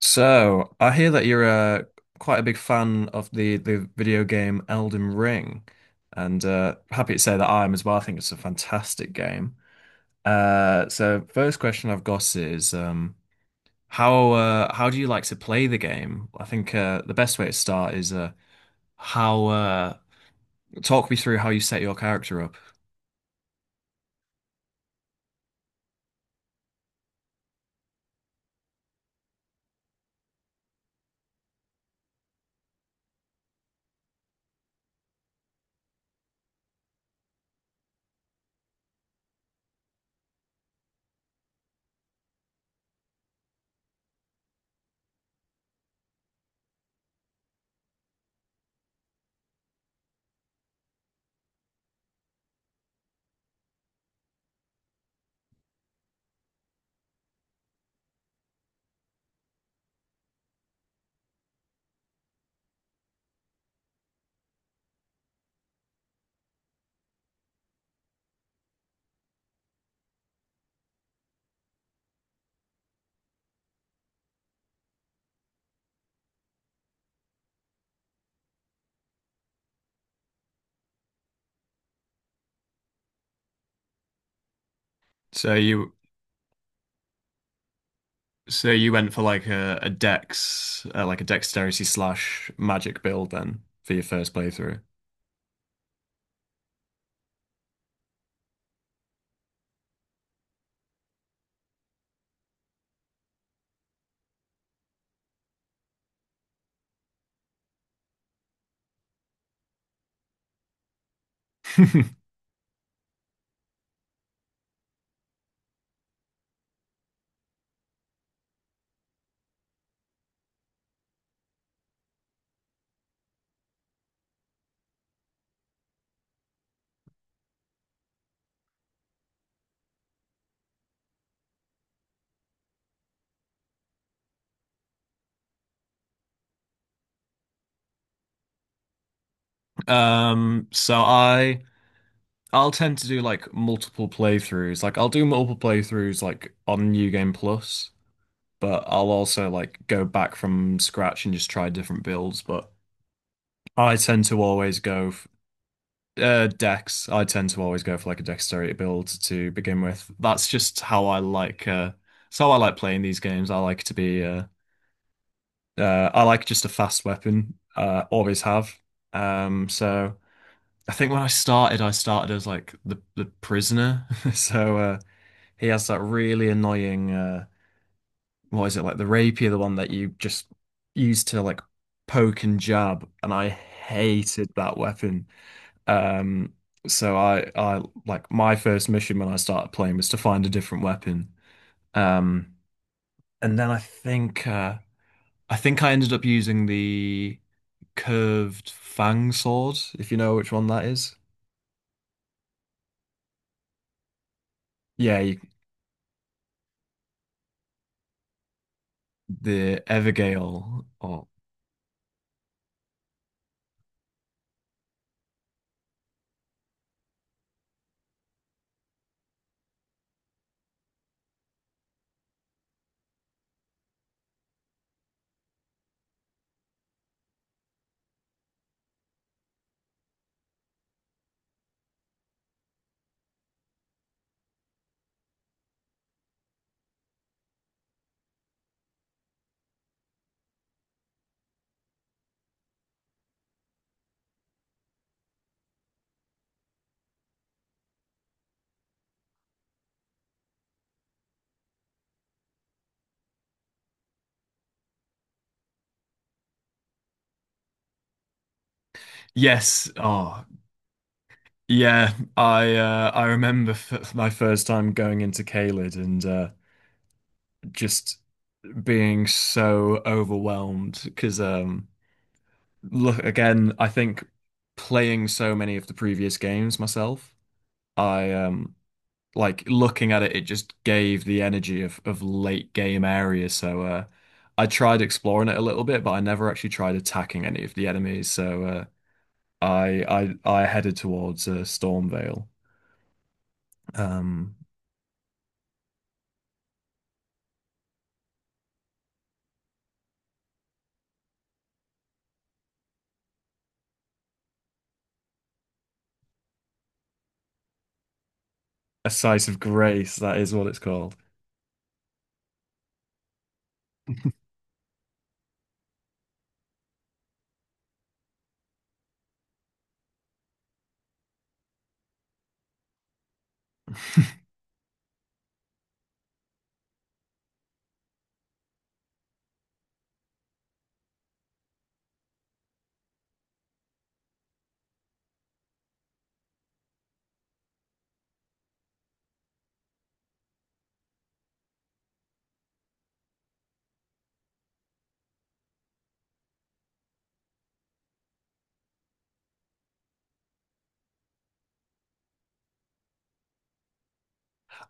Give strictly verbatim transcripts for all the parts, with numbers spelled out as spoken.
So, I hear that you're uh, quite a big fan of the, the video game Elden Ring, and uh, happy to say that I am as well. I think it's a fantastic game. Uh, so, first question I've got is um, how uh, how do you like to play the game? I think uh, the best way to start is uh, how uh, talk me through how you set your character up. So you so you went for like a, a dex uh, like a dexterity slash magic build then for your first playthrough. Um, so I I'll tend to do like multiple playthroughs. Like I'll do multiple playthroughs like on New Game Plus, but I'll also like go back from scratch and just try different builds. But I tend to always go f uh, Dex. I tend to always go for like a dexterity build to begin with. That's just how I like uh it's how I like playing these games. I like to be uh uh I like just a fast weapon. Uh, always have. Um so I think when I started, I started as like the the prisoner. So uh, he has that really annoying uh, what is it like the rapier, the one that you just use to like poke and jab, and I hated that weapon. Um, so I I like my first mission when I started playing was to find a different weapon. Um, and then I think uh, I think I ended up using the curved fang sword, if you know which one that is. Yeah, you The Evergale. Oh, yes. Oh, yeah. I uh, I remember f my first time going into Caelid and uh, just being so overwhelmed because um, look again. I think playing so many of the previous games myself, I um like looking at it. It just gave the energy of of late game area. So uh, I tried exploring it a little bit, but I never actually tried attacking any of the enemies. So. Uh, I I I headed towards uh, Stormvale. Um, a sight of grace, that is what it's called.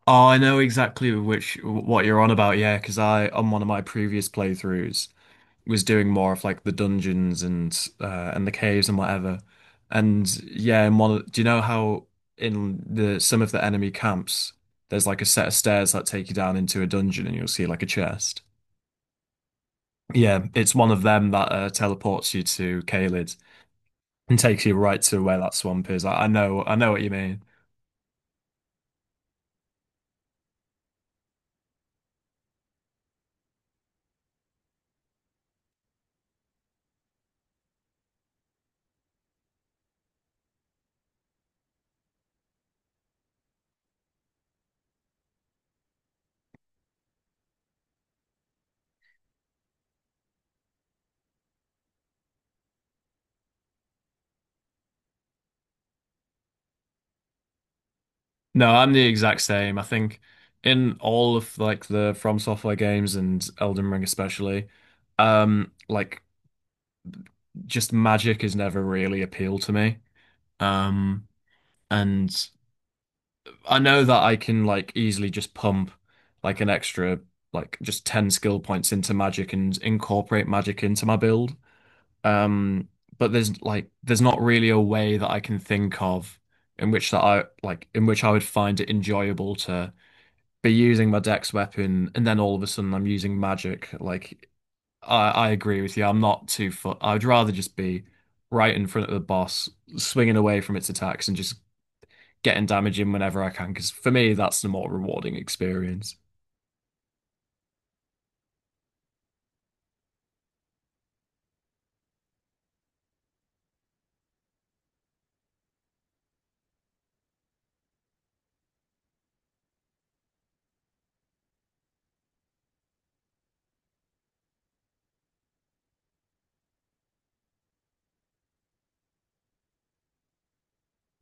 Oh, I know exactly which what you're on about, yeah, because I on one of my previous playthroughs was doing more of like the dungeons and uh, and the caves and whatever. And yeah, in one, of- do you know how in the some of the enemy camps there's like a set of stairs that take you down into a dungeon and you'll see like a chest. Yeah, it's one of them that uh, teleports you to Caelid and takes you right to where that swamp is. I, I know, I know what you mean. No, I'm the exact same. I think in all of like the From Software games and Elden Ring especially, um, like just magic has never really appealed to me. Um, and I know that I can like easily just pump like an extra like just ten skill points into magic and incorporate magic into my build. Um, but there's like there's not really a way that I can think of in which that I like in which I would find it enjoyable to be using my dex weapon and then all of a sudden I'm using magic. Like I, I agree with you. I'm not too fu- I'd rather just be right in front of the boss, swinging away from its attacks and just getting damage in whenever I can. Because for me, that's the more rewarding experience.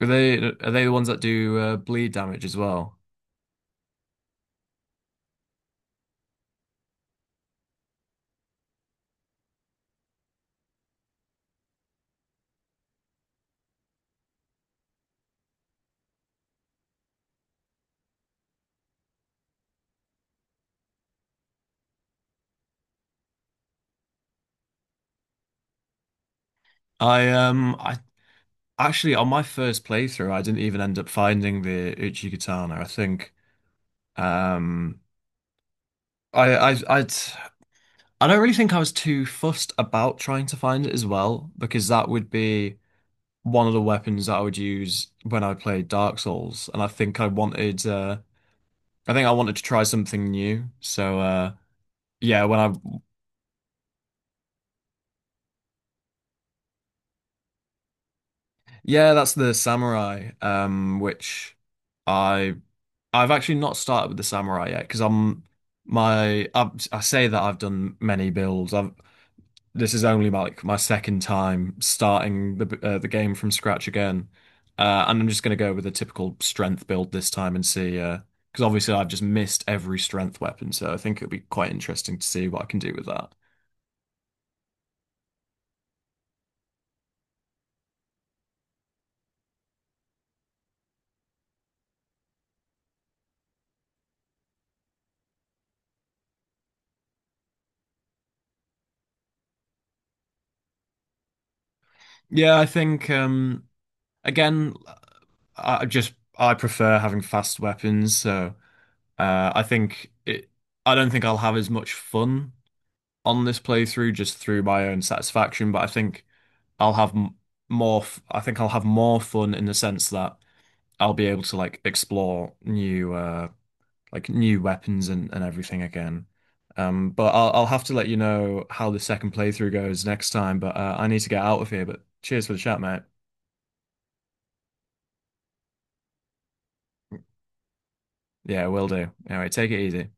Are they are they the ones that do uh, bleed damage as well? I um I Actually, on my first playthrough, I didn't even end up finding the Uchi Katana. I think um, I, I, I'd, I don't really think I was too fussed about trying to find it as well, because that would be one of the weapons that I would use when I played Dark Souls, and I think I wanted, uh, I think I wanted to try something new. So uh, yeah, when I, yeah, that's the samurai, um, which. I I've actually not started with the samurai yet because I'm my I, I say that I've done many builds. I've this is only my, like my second time starting the uh, the game from scratch again, uh, and I'm just going to go with a typical strength build this time and see. Uh, because obviously I've just missed every strength weapon, so I think it'll be quite interesting to see what I can do with that. Yeah, I think um, again, I just I prefer having fast weapons, so uh, I think it. I don't think I'll have as much fun on this playthrough just through my own satisfaction, but I think I'll have m more. F I think I'll have more fun in the sense that I'll be able to like explore new uh like new weapons and and everything again. Um, but I'll I'll have to let you know how the second playthrough goes next time. But uh, I need to get out of here. But cheers for the chat, mate. Yeah, will do. Anyway, take it easy.